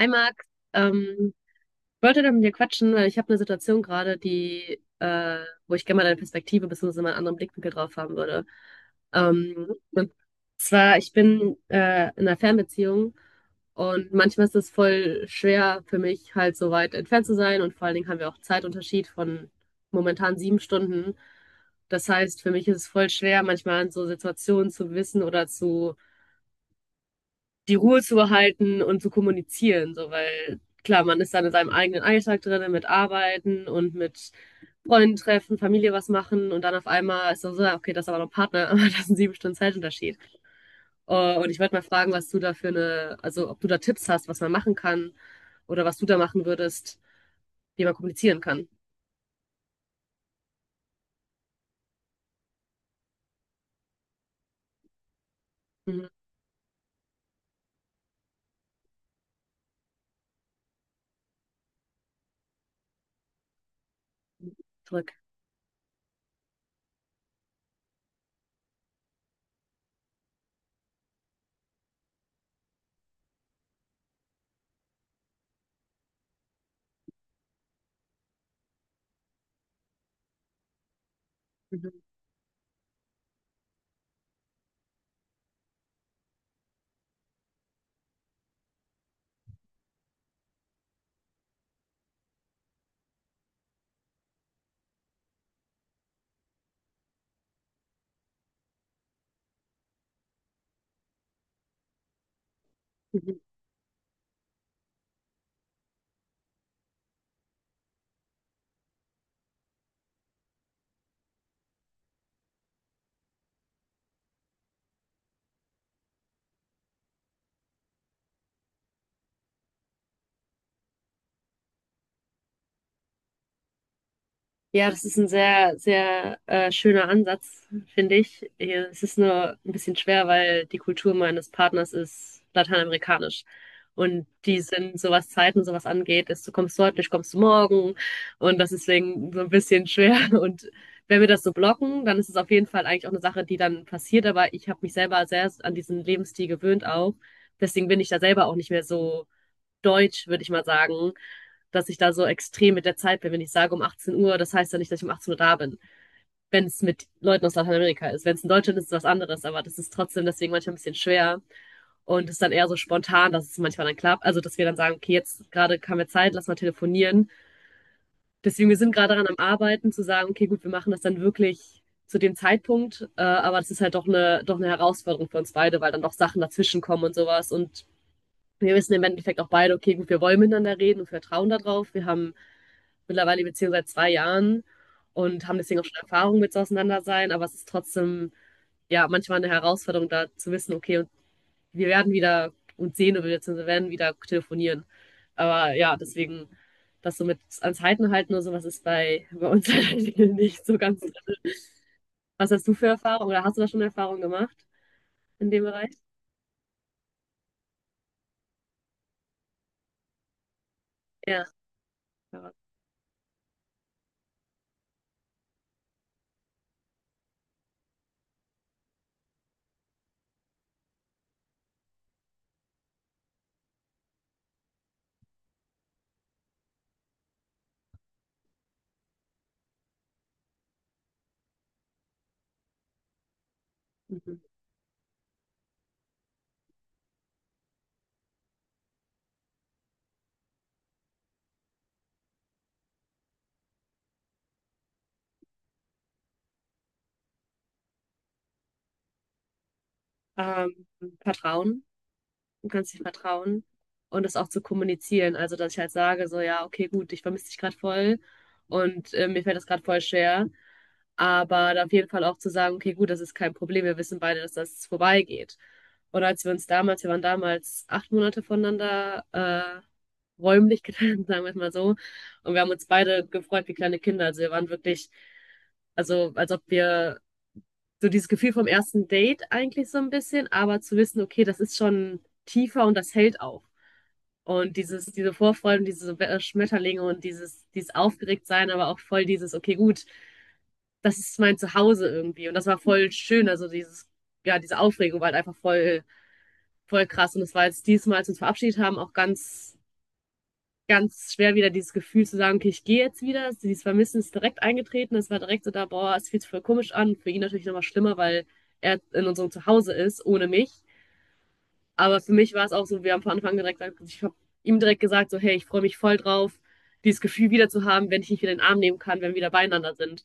Hi Max, ähm, ich wollte da mit dir quatschen, weil ich habe eine Situation gerade, die, wo ich gerne mal deine Perspektive bzw. mal einen anderen Blickwinkel drauf haben würde. Ähm, zwar, ich bin in einer Fernbeziehung, und manchmal ist es voll schwer für mich, halt so weit entfernt zu sein, und vor allen Dingen haben wir auch Zeitunterschied von momentan 7 Stunden. Das heißt, für mich ist es voll schwer, manchmal in so Situationen zu wissen oder zu die Ruhe zu behalten und zu kommunizieren, so, weil klar, man ist dann in seinem eigenen Alltag drin, mit Arbeiten und mit Freunden treffen, Familie was machen, und dann auf einmal ist dann so, ja, okay, das ist aber noch ein Partner, aber das ist ein 7 Stunden Zeitunterschied. Und ich wollte mal fragen, was du da für eine, also ob du da Tipps hast, was man machen kann oder was du da machen würdest, wie man kommunizieren kann. Mhm. Zurück. Mhm. Mhm. Ja, das ist ein sehr, sehr schöner Ansatz, finde ich. Es ist nur ein bisschen schwer, weil die Kultur meines Partners ist lateinamerikanisch. Und die sind, so was Zeiten, so was angeht, ist, du kommst heute nicht, kommst du morgen. Und das ist deswegen so ein bisschen schwer. Und wenn wir das so blocken, dann ist es auf jeden Fall eigentlich auch eine Sache, die dann passiert. Aber ich habe mich selber sehr an diesen Lebensstil gewöhnt auch. Deswegen bin ich da selber auch nicht mehr so deutsch, würde ich mal sagen, dass ich da so extrem mit der Zeit bin. Wenn ich sage um 18 Uhr, das heißt ja nicht, dass ich um 18 Uhr da bin. Wenn es mit Leuten aus Lateinamerika ist. Wenn es in Deutschland ist, ist es was anderes, aber das ist trotzdem deswegen manchmal ein bisschen schwer. Und ist dann eher so spontan, dass es manchmal dann klappt. Also, dass wir dann sagen, okay, jetzt gerade kam mir Zeit, lass mal telefonieren. Deswegen, wir sind gerade daran am Arbeiten, zu sagen, okay, gut, wir machen das dann wirklich zu dem Zeitpunkt. Aber das ist halt doch eine Herausforderung für uns beide, weil dann doch Sachen dazwischen kommen und sowas. Und wir wissen im Endeffekt auch beide, okay, gut, wir wollen miteinander reden und wir vertrauen darauf. Wir haben mittlerweile die Beziehung seit 2 Jahren und haben deswegen auch schon Erfahrung mit so auseinander sein, aber es ist trotzdem ja manchmal eine Herausforderung, da zu wissen, okay, und wir werden wieder uns sehen oder wir werden wieder telefonieren. Aber ja, deswegen, das so mit ans Halten halten oder sowas ist bei uns halt nicht so ganz drin. Was hast du für Erfahrungen oder hast du da schon Erfahrungen gemacht in dem Bereich? Ja. Ja. Mhm. Ähm, Vertrauen. Du kannst dich vertrauen und das auch zu kommunizieren. Also, dass ich halt sage, so, ja, okay, gut, ich vermisse dich gerade voll und mir fällt das gerade voll schwer. Aber da auf jeden Fall auch zu sagen, okay, gut, das ist kein Problem, wir wissen beide, dass das vorbeigeht. Und als wir uns damals, wir waren damals 8 Monate voneinander räumlich getrennt, sagen wir es mal so. Und wir haben uns beide gefreut wie kleine Kinder. Also wir waren wirklich, also als ob wir so dieses Gefühl vom ersten Date eigentlich so ein bisschen, aber zu wissen, okay, das ist schon tiefer, und das hält auch. Und dieses, diese Vorfreude und diese Schmetterlinge und dieses Aufgeregtsein, aber auch voll dieses, okay, gut, das ist mein Zuhause irgendwie. Und das war voll schön. Also dieses, ja, diese Aufregung war halt einfach voll, voll krass. Und es war jetzt diesmal, als wir uns verabschiedet haben, auch ganz ganz schwer wieder dieses Gefühl zu sagen, okay, ich gehe jetzt wieder. Dieses Vermissen ist direkt eingetreten. Es war direkt so da, boah, es fühlt sich voll komisch an. Für ihn natürlich nochmal schlimmer, weil er in unserem Zuhause ist, ohne mich. Aber für mich war es auch so, wir haben von Anfang an direkt gesagt, also ich habe ihm direkt gesagt, so, hey, ich freue mich voll drauf, dieses Gefühl wieder zu haben, wenn ich dich wieder in den Arm nehmen kann, wenn wir wieder beieinander sind.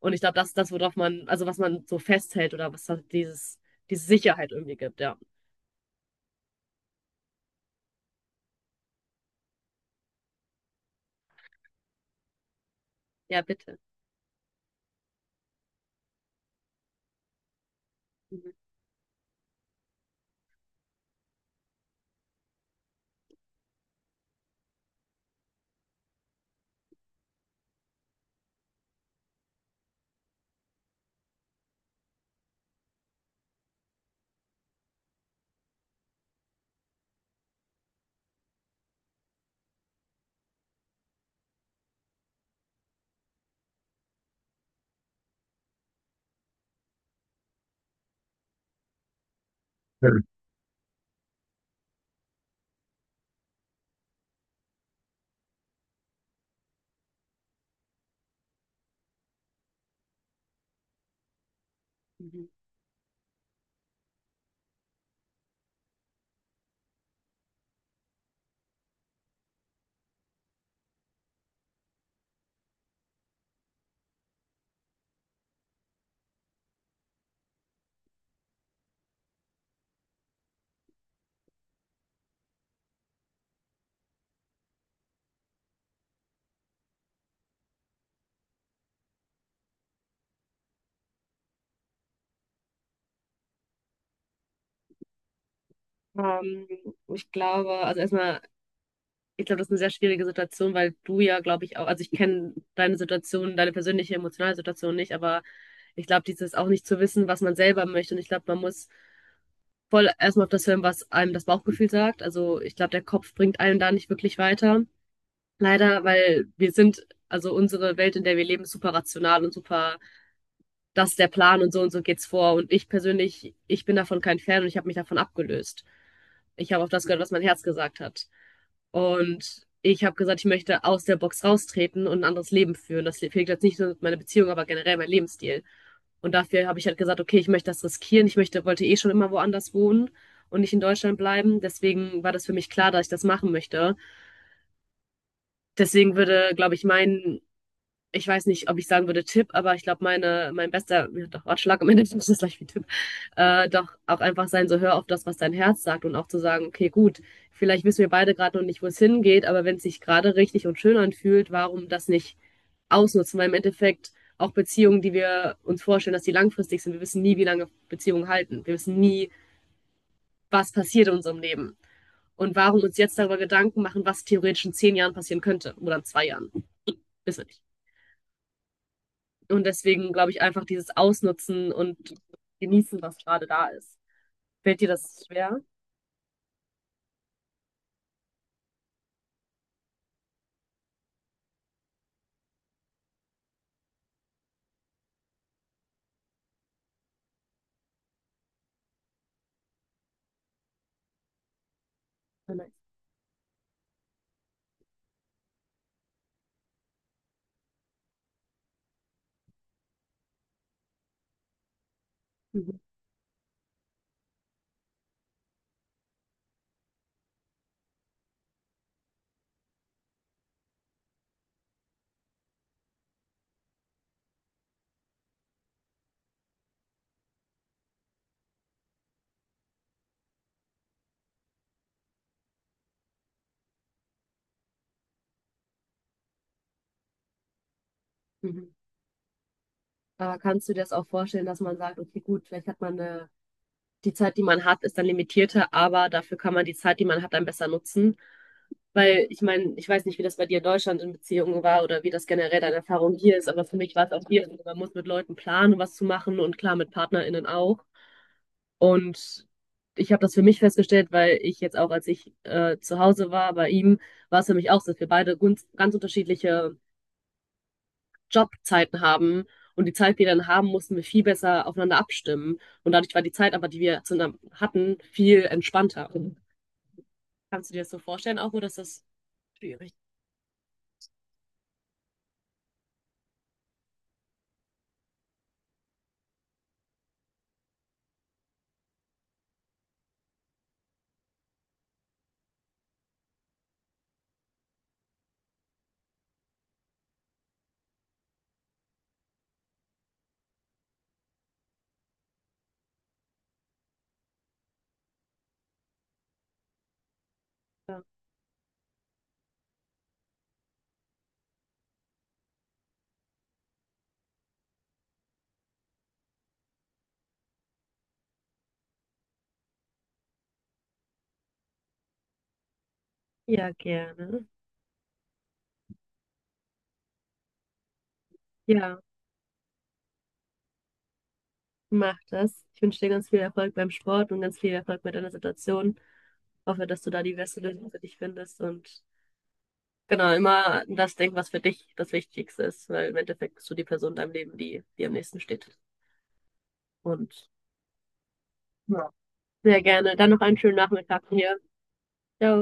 Und ich glaube, das ist das, worauf man, also was man so festhält oder was halt dieses, diese Sicherheit irgendwie gibt, ja. Ja, bitte. Mhm. Ja. Mhm. Ähm, Ich glaube, also erstmal ich glaube, das ist eine sehr schwierige Situation, weil du ja, glaube ich, auch, also ich kenne deine Situation, deine persönliche emotionale Situation nicht, aber ich glaube, dieses auch nicht zu wissen, was man selber möchte. Und ich glaube, man muss voll erstmal auf das hören, was einem das Bauchgefühl sagt. Also ich glaube, der Kopf bringt einen da nicht wirklich weiter. Leider, weil wir sind, also unsere Welt, in der wir leben, ist super rational und super, das ist der Plan und so geht's vor. Und ich persönlich, ich bin davon kein Fan, und ich habe mich davon abgelöst. Ich habe auf das gehört, was mein Herz gesagt hat. Und ich habe gesagt, ich möchte aus der Box raustreten und ein anderes Leben führen. Das fehlt jetzt nicht nur meine Beziehung, aber generell mein Lebensstil. Und dafür habe ich halt gesagt, okay, ich möchte das riskieren. Ich möchte, wollte eh schon immer woanders wohnen und nicht in Deutschland bleiben. Deswegen war das für mich klar, dass ich das machen möchte. Deswegen würde, glaube ich, mein ich weiß nicht, ob ich sagen würde Tipp, aber ich glaube, mein bester, ja, doch Ratschlag am Ende ist das gleich wie Tipp, doch auch einfach sein, so hör auf das, was dein Herz sagt und auch zu sagen, okay, gut, vielleicht wissen wir beide gerade noch nicht, wo es hingeht, aber wenn es sich gerade richtig und schön anfühlt, warum das nicht ausnutzen? Weil im Endeffekt auch Beziehungen, die wir uns vorstellen, dass die langfristig sind, wir wissen nie, wie lange Beziehungen halten. Wir wissen nie, was passiert in unserem Leben. Und warum uns jetzt darüber Gedanken machen, was theoretisch in 10 Jahren passieren könnte oder in 2 Jahren. Wissen wir nicht. Und deswegen glaube ich einfach dieses Ausnutzen und genießen, was gerade da ist. Fällt dir das schwer? Ja, nein. Mhm. Mhm. Aber kannst du dir das auch vorstellen, dass man sagt, okay, gut, vielleicht hat man eine, die Zeit, die man hat, ist dann limitierter, aber dafür kann man die Zeit, die man hat, dann besser nutzen? Weil ich meine, ich weiß nicht, wie das bei dir in Deutschland in Beziehungen war oder wie das generell deine Erfahrung hier ist, aber für mich war es auch hier, so, man muss mit Leuten planen, was zu machen, und klar mit PartnerInnen auch. Und ich habe das für mich festgestellt, weil ich jetzt auch, als ich zu Hause war bei ihm, war es für mich auch so, dass wir beide ganz, ganz unterschiedliche Jobzeiten haben. Und die Zeit, die wir dann haben, mussten wir viel besser aufeinander abstimmen. Und dadurch war die Zeit aber, die wir zusammen hatten, viel entspannter. Kannst du dir das so vorstellen, auch, oder ist das schwierig? Ja, ja, gerne. Ja, mach das. Ich wünsche dir ganz viel Erfolg beim Sport und ganz viel Erfolg mit deiner Situation. Hoffe, dass du da die beste Lösung für dich findest, und genau, immer an das denken, was für dich das Wichtigste ist, weil im Endeffekt bist du die Person in deinem Leben, die dir am nächsten steht. Und ja, sehr gerne. Dann noch einen schönen Nachmittag hier. Ciao.